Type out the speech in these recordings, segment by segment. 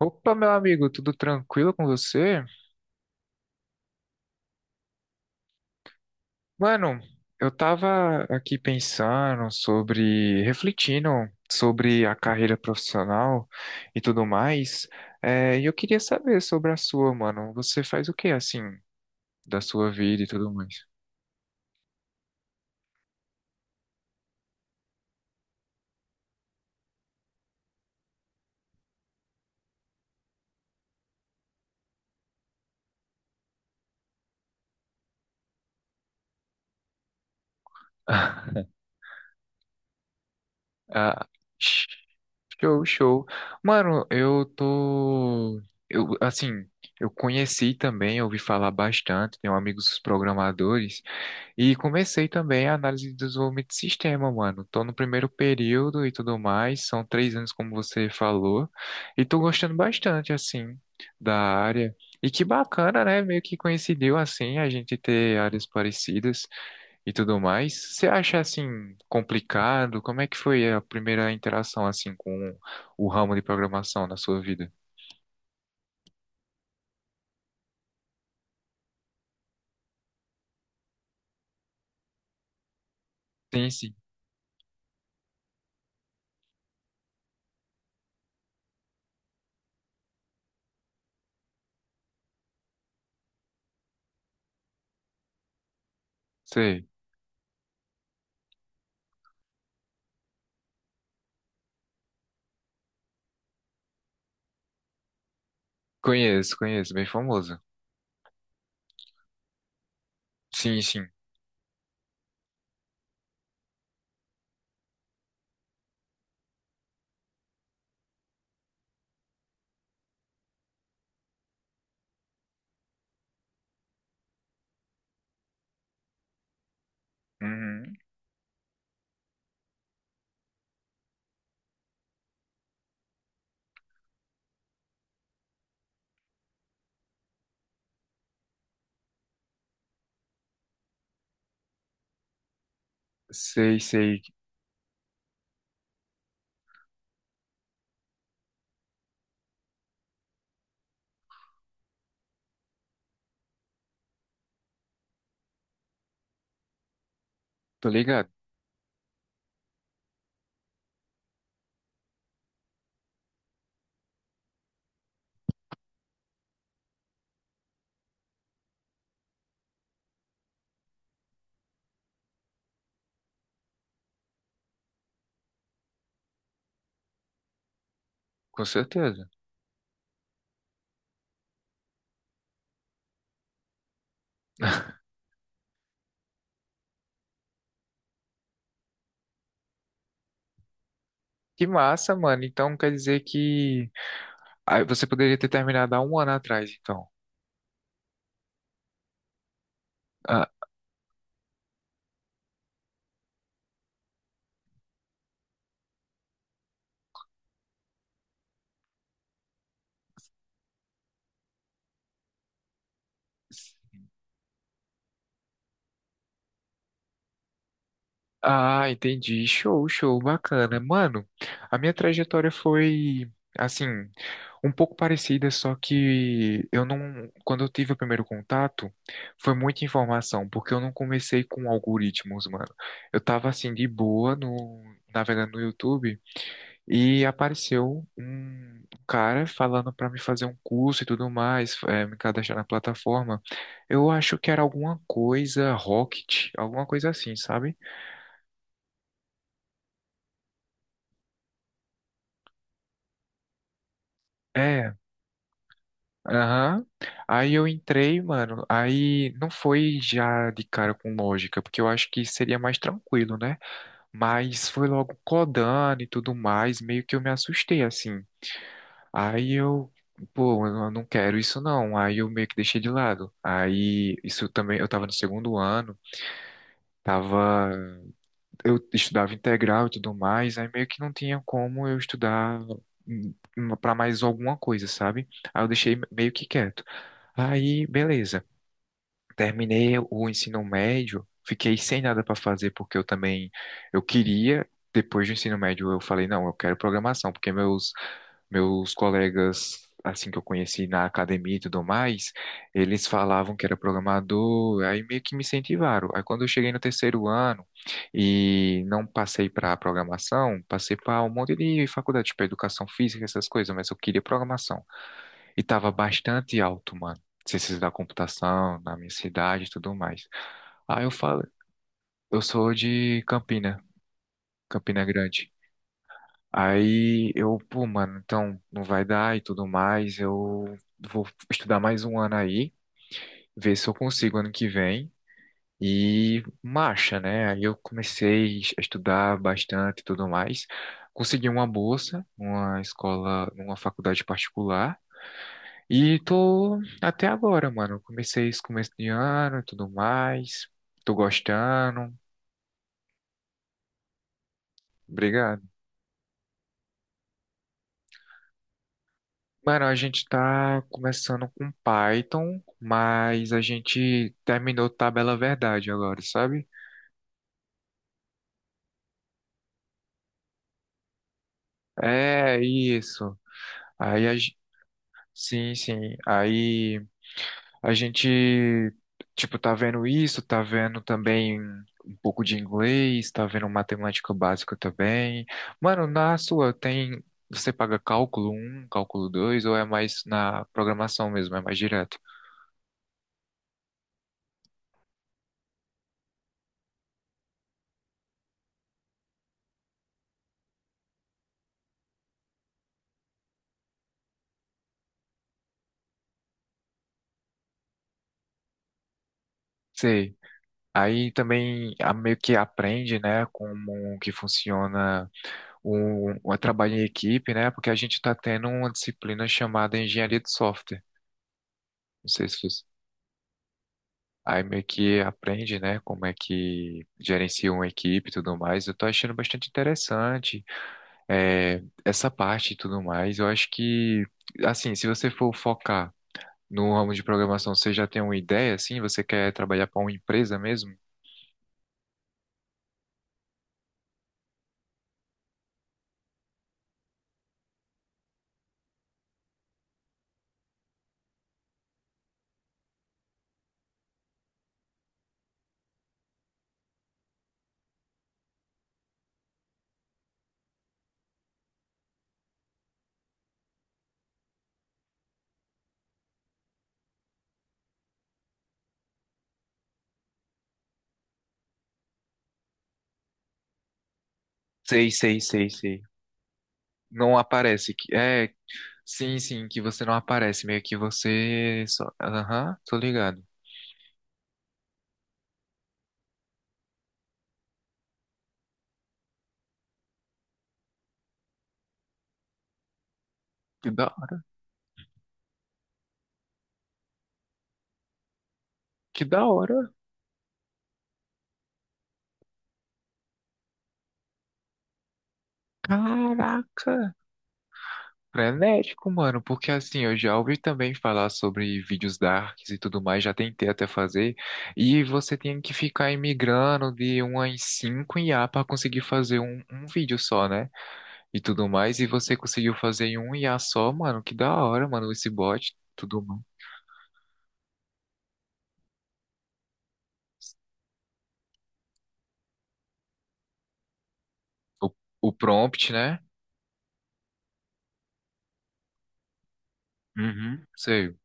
Opa, meu amigo, tudo tranquilo com você? Mano, eu tava aqui pensando sobre, refletindo sobre a carreira profissional e tudo mais. É, e eu queria saber sobre a sua, mano. Você faz o que assim da sua vida e tudo mais? Ah, show, show. Mano, eu tô, eu assim, eu conheci também, ouvi falar bastante, tenho amigos programadores. E comecei também a análise de desenvolvimento de sistema, mano. Tô no primeiro período e tudo mais. São três anos, como você falou. E tô gostando bastante, assim, da área. E que bacana, né? Meio que coincidiu, assim, a gente ter áreas parecidas e tudo mais. Você acha, assim, complicado? Como é que foi a primeira interação, assim, com o ramo de programação na sua vida? Sim, sim. Sei. Conheço, conheço. Bem famoso. Sim, sim. Uhum. Sei, sei. Tô ligado. Com certeza. Que massa, mano. Então quer dizer que ah, você poderia ter terminado há um ano atrás, então. Ah, s- ah, entendi. Show, show, bacana. Mano, a minha trajetória foi assim, um pouco parecida, só que eu não, quando eu tive o primeiro contato, foi muita informação, porque eu não comecei com algoritmos, mano. Eu tava assim de boa no navegando no YouTube. E apareceu um cara falando para me fazer um curso e tudo mais, me cadastrar na plataforma. Eu acho que era alguma coisa Rocket, alguma coisa assim, sabe? É, aham. Aí eu entrei, mano. Aí não foi já de cara com lógica, porque eu acho que seria mais tranquilo, né? Mas foi logo codando e tudo mais, meio que eu me assustei assim. Aí eu, pô, eu não quero isso não. Aí eu meio que deixei de lado. Aí isso também, eu tava no segundo ano, tava, eu estudava integral e tudo mais, aí meio que não tinha como eu estudar hum, pra mais alguma coisa, sabe? Aí eu deixei meio que quieto. Aí, beleza. Terminei o ensino médio, fiquei sem nada pra fazer porque eu também eu queria. Depois do ensino médio, eu falei, não, eu quero programação, porque meus colegas, assim que eu conheci na academia e tudo mais, eles falavam que era programador, aí meio que me incentivaram. Aí quando eu cheguei no terceiro ano e não passei para programação, passei para um monte de faculdade, tipo educação física, essas coisas, mas eu queria programação. E tava bastante alto, mano, ciências da computação, na minha cidade e tudo mais. Aí eu falo, eu sou de Campina, Campina Grande. Aí eu, pô, mano, então não vai dar e tudo mais. Eu vou estudar mais um ano aí, ver se eu consigo ano que vem. E marcha, né? Aí eu comecei a estudar bastante e tudo mais. Consegui uma bolsa, uma escola, numa faculdade particular. E tô até agora, mano. Comecei esse começo de ano e tudo mais. Tô gostando. Obrigado. Mano, a gente tá começando com Python, mas a gente terminou Tabela Verdade agora, sabe? É isso. Aí a, gen- sim, sim. Aí a gente tipo tá vendo isso, tá vendo também um pouco de inglês, tá vendo matemática básica também. Mano, na sua tem você paga cálculo um, cálculo 2 ou é mais na programação mesmo, é mais direto? Sei. Aí também meio que aprende, né, como que funciona o trabalho em equipe, né, porque a gente está tendo uma disciplina chamada Engenharia de Software. Não sei se você... Aí meio que aprende, né, como é que gerencia uma equipe e tudo mais. Eu tô achando bastante interessante, é, essa parte e tudo mais. Eu acho que, assim, se você for focar no ramo de programação, você já tem uma ideia, assim? Você quer trabalhar para uma empresa mesmo? Sei, sei, sei, sei. Não aparece. É, sim, sim, que você não aparece, meio que você só. Aham, tô ligado. Que da, que da hora. Caraca, frenético, mano, porque assim, eu já ouvi também falar sobre vídeos darks e tudo mais, já tentei até fazer, e você tem que ficar imigrando de uma em cinco 5 a pra conseguir fazer um, vídeo só, né? E tudo mais, e você conseguiu fazer em um I a só, mano, que da hora, mano, esse bot, tudo mais. O, o prompt, né? Uhum, sei.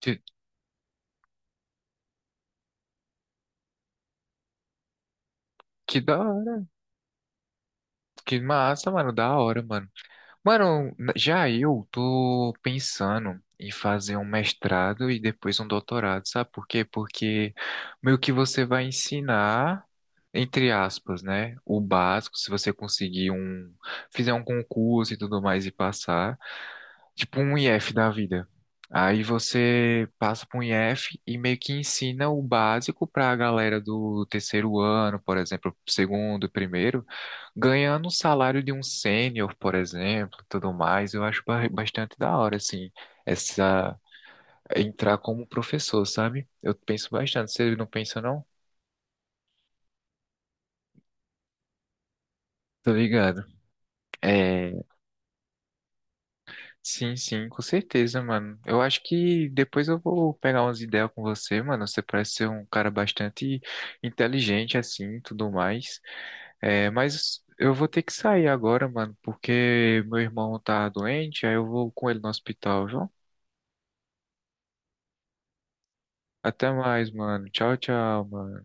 Que, que da Que massa, mano, da hora, mano. Mano, já eu tô pensando em fazer um mestrado e depois um doutorado, sabe por quê? Porque meio que você vai ensinar, entre aspas, né, o básico, se você conseguir um, fizer um concurso e tudo mais e passar tipo um IF da vida. Aí você passa para um IF e meio que ensina o básico para a galera do terceiro ano, por exemplo, segundo, primeiro, ganhando o salário de um sênior, por exemplo, tudo mais. Eu acho bastante da hora, assim, essa entrar como professor, sabe? Eu penso bastante. Você não pensa, não? Tô ligado. É, sim, sim, com certeza, mano. Eu acho que depois eu vou pegar umas ideias com você, mano. Você parece ser um cara bastante inteligente, assim, e tudo mais. É, mas eu vou ter que sair agora, mano, porque meu irmão tá doente, aí eu vou com ele no hospital, viu? Até mais, mano. Tchau, tchau, mano.